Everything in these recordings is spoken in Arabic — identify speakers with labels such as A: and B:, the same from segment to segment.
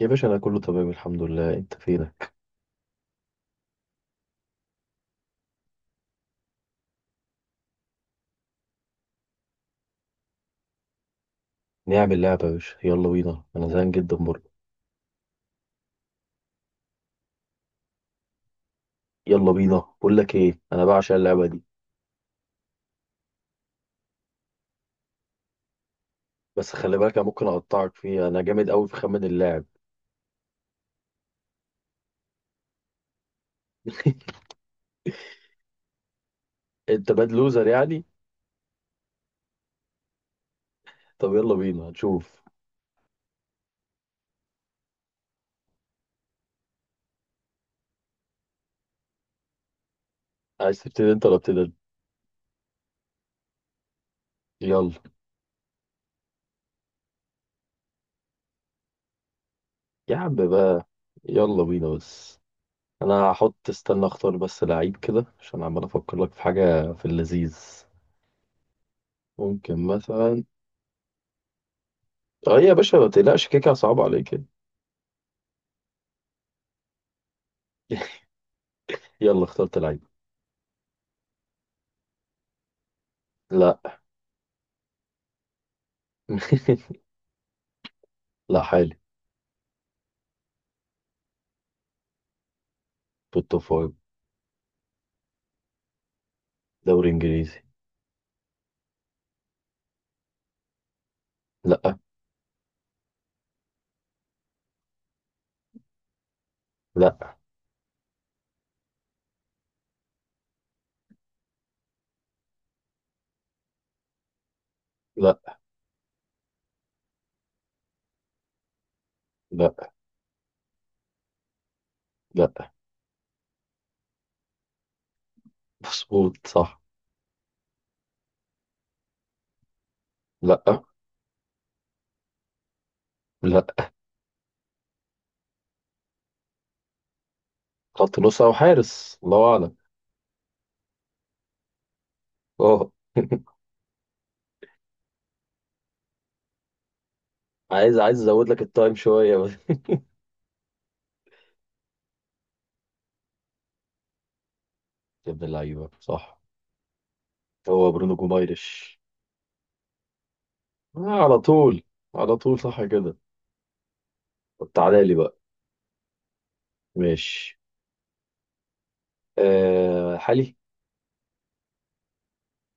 A: يا باشا انا كله تمام الحمد لله. انت فينك؟ نعمل لعبه يا باشا، يلا بينا انا زهقان جدا برضه. يلا بينا، بقول لك ايه، انا بعشق اللعبه دي. بس خلي بالك انا ممكن اقطعك فيها، انا جامد قوي في خمن اللاعب. انت باد لوزر يعني؟ طب يلا بينا هنشوف. عايز تبتدي انت ولا ابتدي أنا؟ يلا. يا عم بقى، يلا بينا بس. انا هحط، استنى اختار بس لعيب كده عشان عمال افكر لك في حاجه في اللذيذ. ممكن مثلا، اه يا باشا ما تقلقش كيكه صعبه عليك. يلا اخترت لعيب. لا. لا، حالي. بالتوب فايف. دوري انجليزي. لا. لا. لا. لا. لا. مظبوط صح. لا. لا. خط نص او حارس، الله اعلم. اه. عايز، عايز ازود لك التايم شويه بس. يا ابن اللعيبه صح، هو برونو جومايرش. آه على طول. على طول صح كده. طب تعالى لي بقى. ماشي. آه حالي.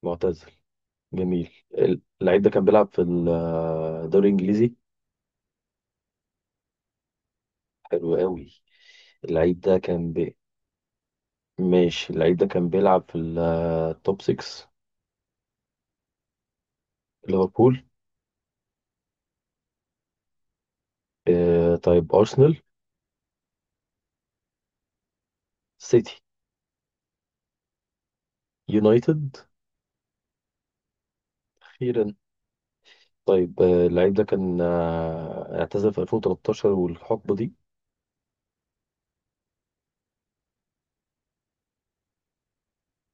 A: معتزل. جميل. اللعيب ده كان بيلعب في الدوري الانجليزي. حلو قوي. اللعيب ده كان بي... ماشي، اللعيب ده كان بيلعب في التوب 6. ليفربول. آه طيب أرسنال. سيتي. يونايتد. أخيرا. طيب آه، اللعيب ده كان اعتزل في 2013 والحقبة دي.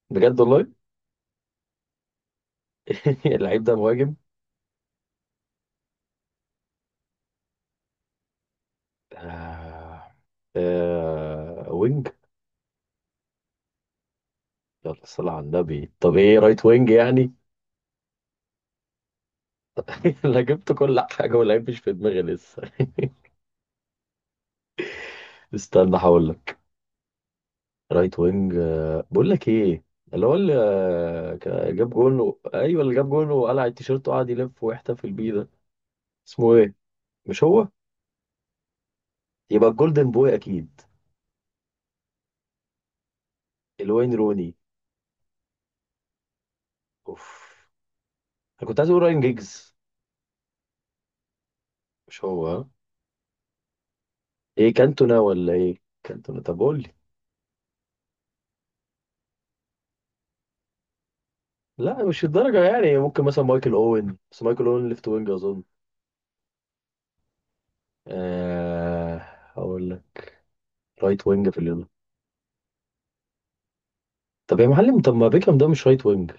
A: بجد والله. اللعيب ده مهاجم. آه. آه وينج. يلا صلى على النبي، طب ايه رايت وينج يعني؟ انا جبت كل حاجة واللعيب مش في دماغي لسه. استنى هقول لك. رايت وينج، بقول لك ايه، اللي هو اللي جاب جون، ايوه اللي جاب جون وقلع التيشيرت وقعد يلف ويحتفل بيه ده، اسمه ايه؟ مش هو؟ يبقى الجولدن بوي اكيد. الوين روني. اوف انا كنت عايز اقول راين جيجز. مش هو ها؟ ايه كانتونا ولا ايه؟ كانتونا، طب قول لي. لا مش الدرجه يعني، ممكن مثلا مايكل اوين، بس مايكل اوين ليفت وينج اظن. آه. هقول لك. رايت وينج في اليوم. طب يا معلم، طب ما بيكهام ده مش رايت وينج؟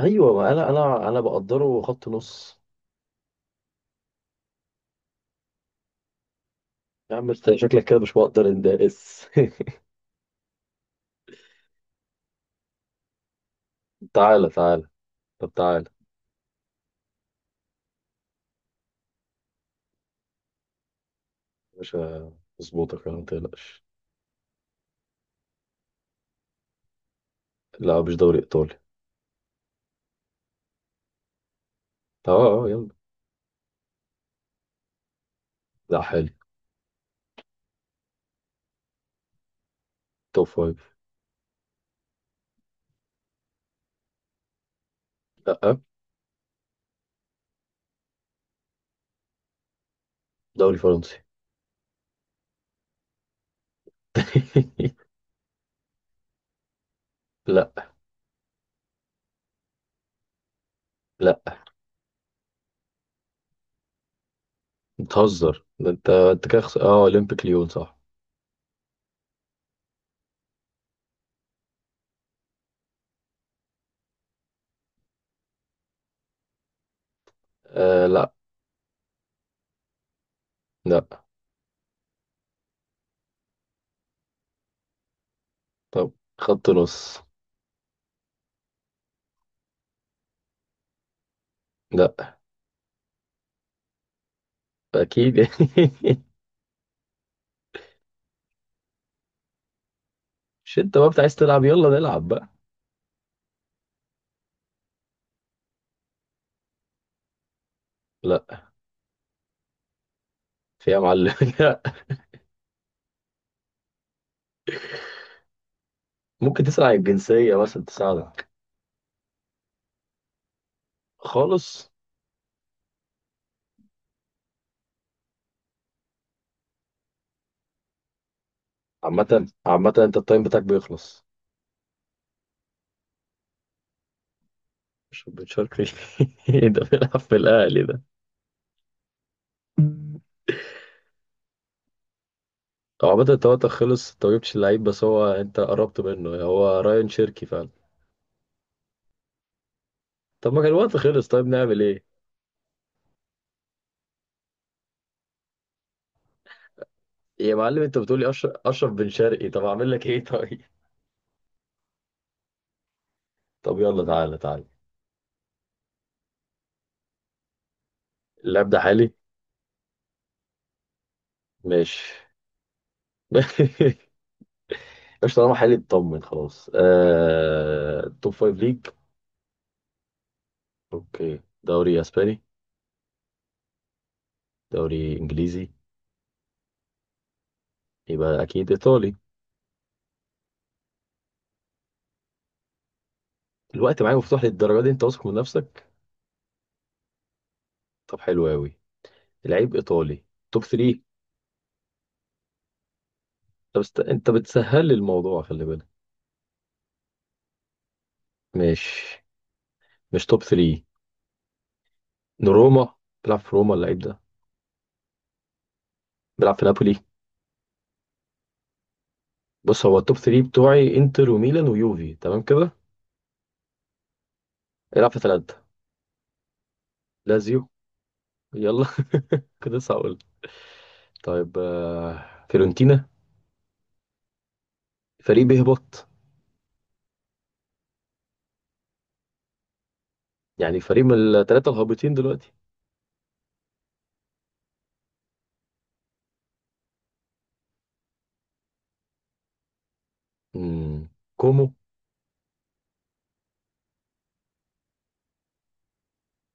A: ايوه، ما انا انا بقدره خط نص. يا عم انت شكلك كده مش مقدر اندرس. تعالى تعالى. طب تعالى يا باشا، اظبطك انا ما تقلقش. لا مش دوري ايطالي. اه اه يلا. لا، حالي. توب فايف. لا آه، دوري فرنسي. لا. لا بتهزر ده، انت انت كده اه اولمبيك ليون صح. آه. لا. لا. طب خط نص. لا. اكيد. مش انت بقى عايز تلعب؟ يلا نلعب بقى. لا. في يا معلم. لا. ممكن تسأل عن الجنسية مثلا تساعدك. خالص. عامة، عامة انت التايم بتاعك بيخلص. مش بن شرقي. ده بيلعب في الاهلي ده. هو عامة انت وقتك خلص، انت مجبتش اللعيب، بس هو انت قربت منه، هو رايان شيركي فعلا. طب ما كان الوقت خلص، طيب نعمل ايه؟ يا معلم انت بتقولي اشرف، اشرف بن شرقي، طب اعمل لك ايه؟ طيب؟ طب يلا تعالى تعالى. اللعب ده حالي. ماشي. مش طالما حالي اطمن خلاص. توب فايف ليج. اوكي دوري اسباني. دوري انجليزي. يبقى اكيد ايطالي. الوقت معايا مفتوح للدرجه دي؟ انت واثق من نفسك. طب حلو قوي. العيب ايطالي. توب 3. طب انت بتسهل لي الموضوع خلي بالك. مش مش توب 3. روما. بيلعب في روما اللعيب ده؟ بيلعب في نابولي؟ بص هو التوب 3 بتوعي انتر وميلان ويوفي تمام كده. العب في ثلاثه. لازيو. يلا. كده لسه هقول. طيب آه، فيورنتينا. فريق بيهبط؟ يعني فريق من الثلاثه الهابطين دلوقتي؟ مم. كومو.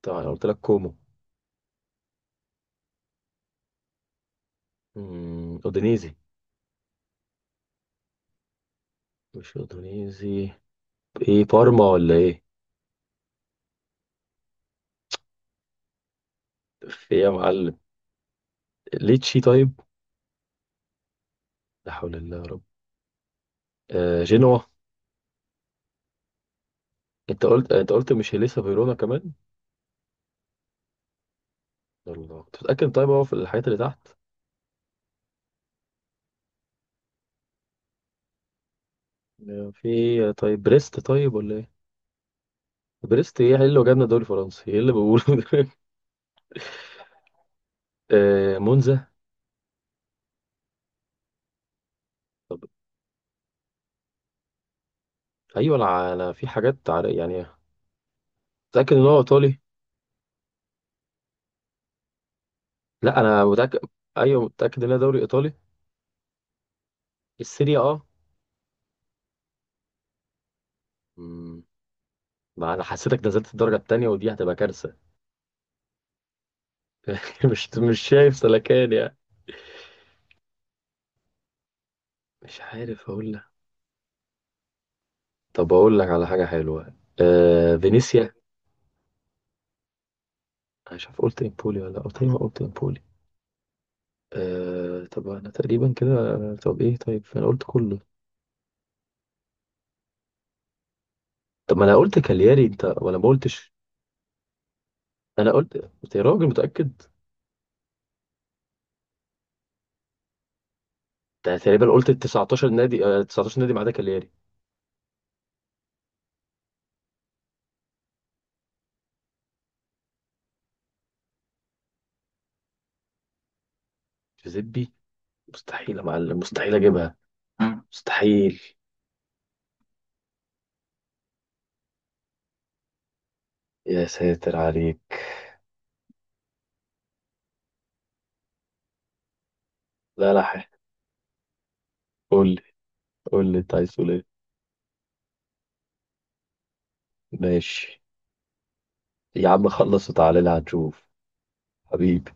A: طبعا أنا قلت لك كومو. اودينيزي. مش اندونيسي. ايه بارما ولا ايه؟ في ايه يا معلم؟ ليتشي طيب. لا حول الله يا رب. آه جنوا. انت قلت، انت قلت مش لسه فيرونا كمان؟ الله، انت متأكد؟ طيب هو في الحاجات اللي تحت. آه، في ايه طيب؟ بريست طيب ولا ايه؟ بريست؟ ايه ايه اللي جابنا دوري فرنسي؟ ايه اللي بقوله ده؟ آه مونزا. طب ايوه، انا، في حاجات يعني متأكد ان هو ايطالي. لا انا متأكد. ايوه متأكد ان هو دوري ايطالي. السيريا اه. مم، ما انا حسيتك نزلت الدرجة التانية ودي هتبقى كارثة. مش، مش شايف سلكان يعني. مش عارف اقول لك. طب اقول لك على حاجه حلوه. آه فينيسيا. انا مش عارف قلت امبولي ولا قلت ايه، ما قلت امبولي. آه طب انا تقريبا كده، طب ايه طيب، انا قلت كله. طب ما انا قلت كالياري، انت ولا ما قلتش. انا قلت. انت يا راجل متاكد؟ انت تقريبا قلت ال 19 نادي، آه 19 نادي ما عدا كالياري. جوزيبي. مستحيل يا معلم، مستحيل اجيبها. مم. مستحيل. يا ساتر عليك. لا لا. قول لي، قول لي انت عايز تقول ايه. ماشي. يا عم خلص وتعالى لي هنشوف. حبيبي.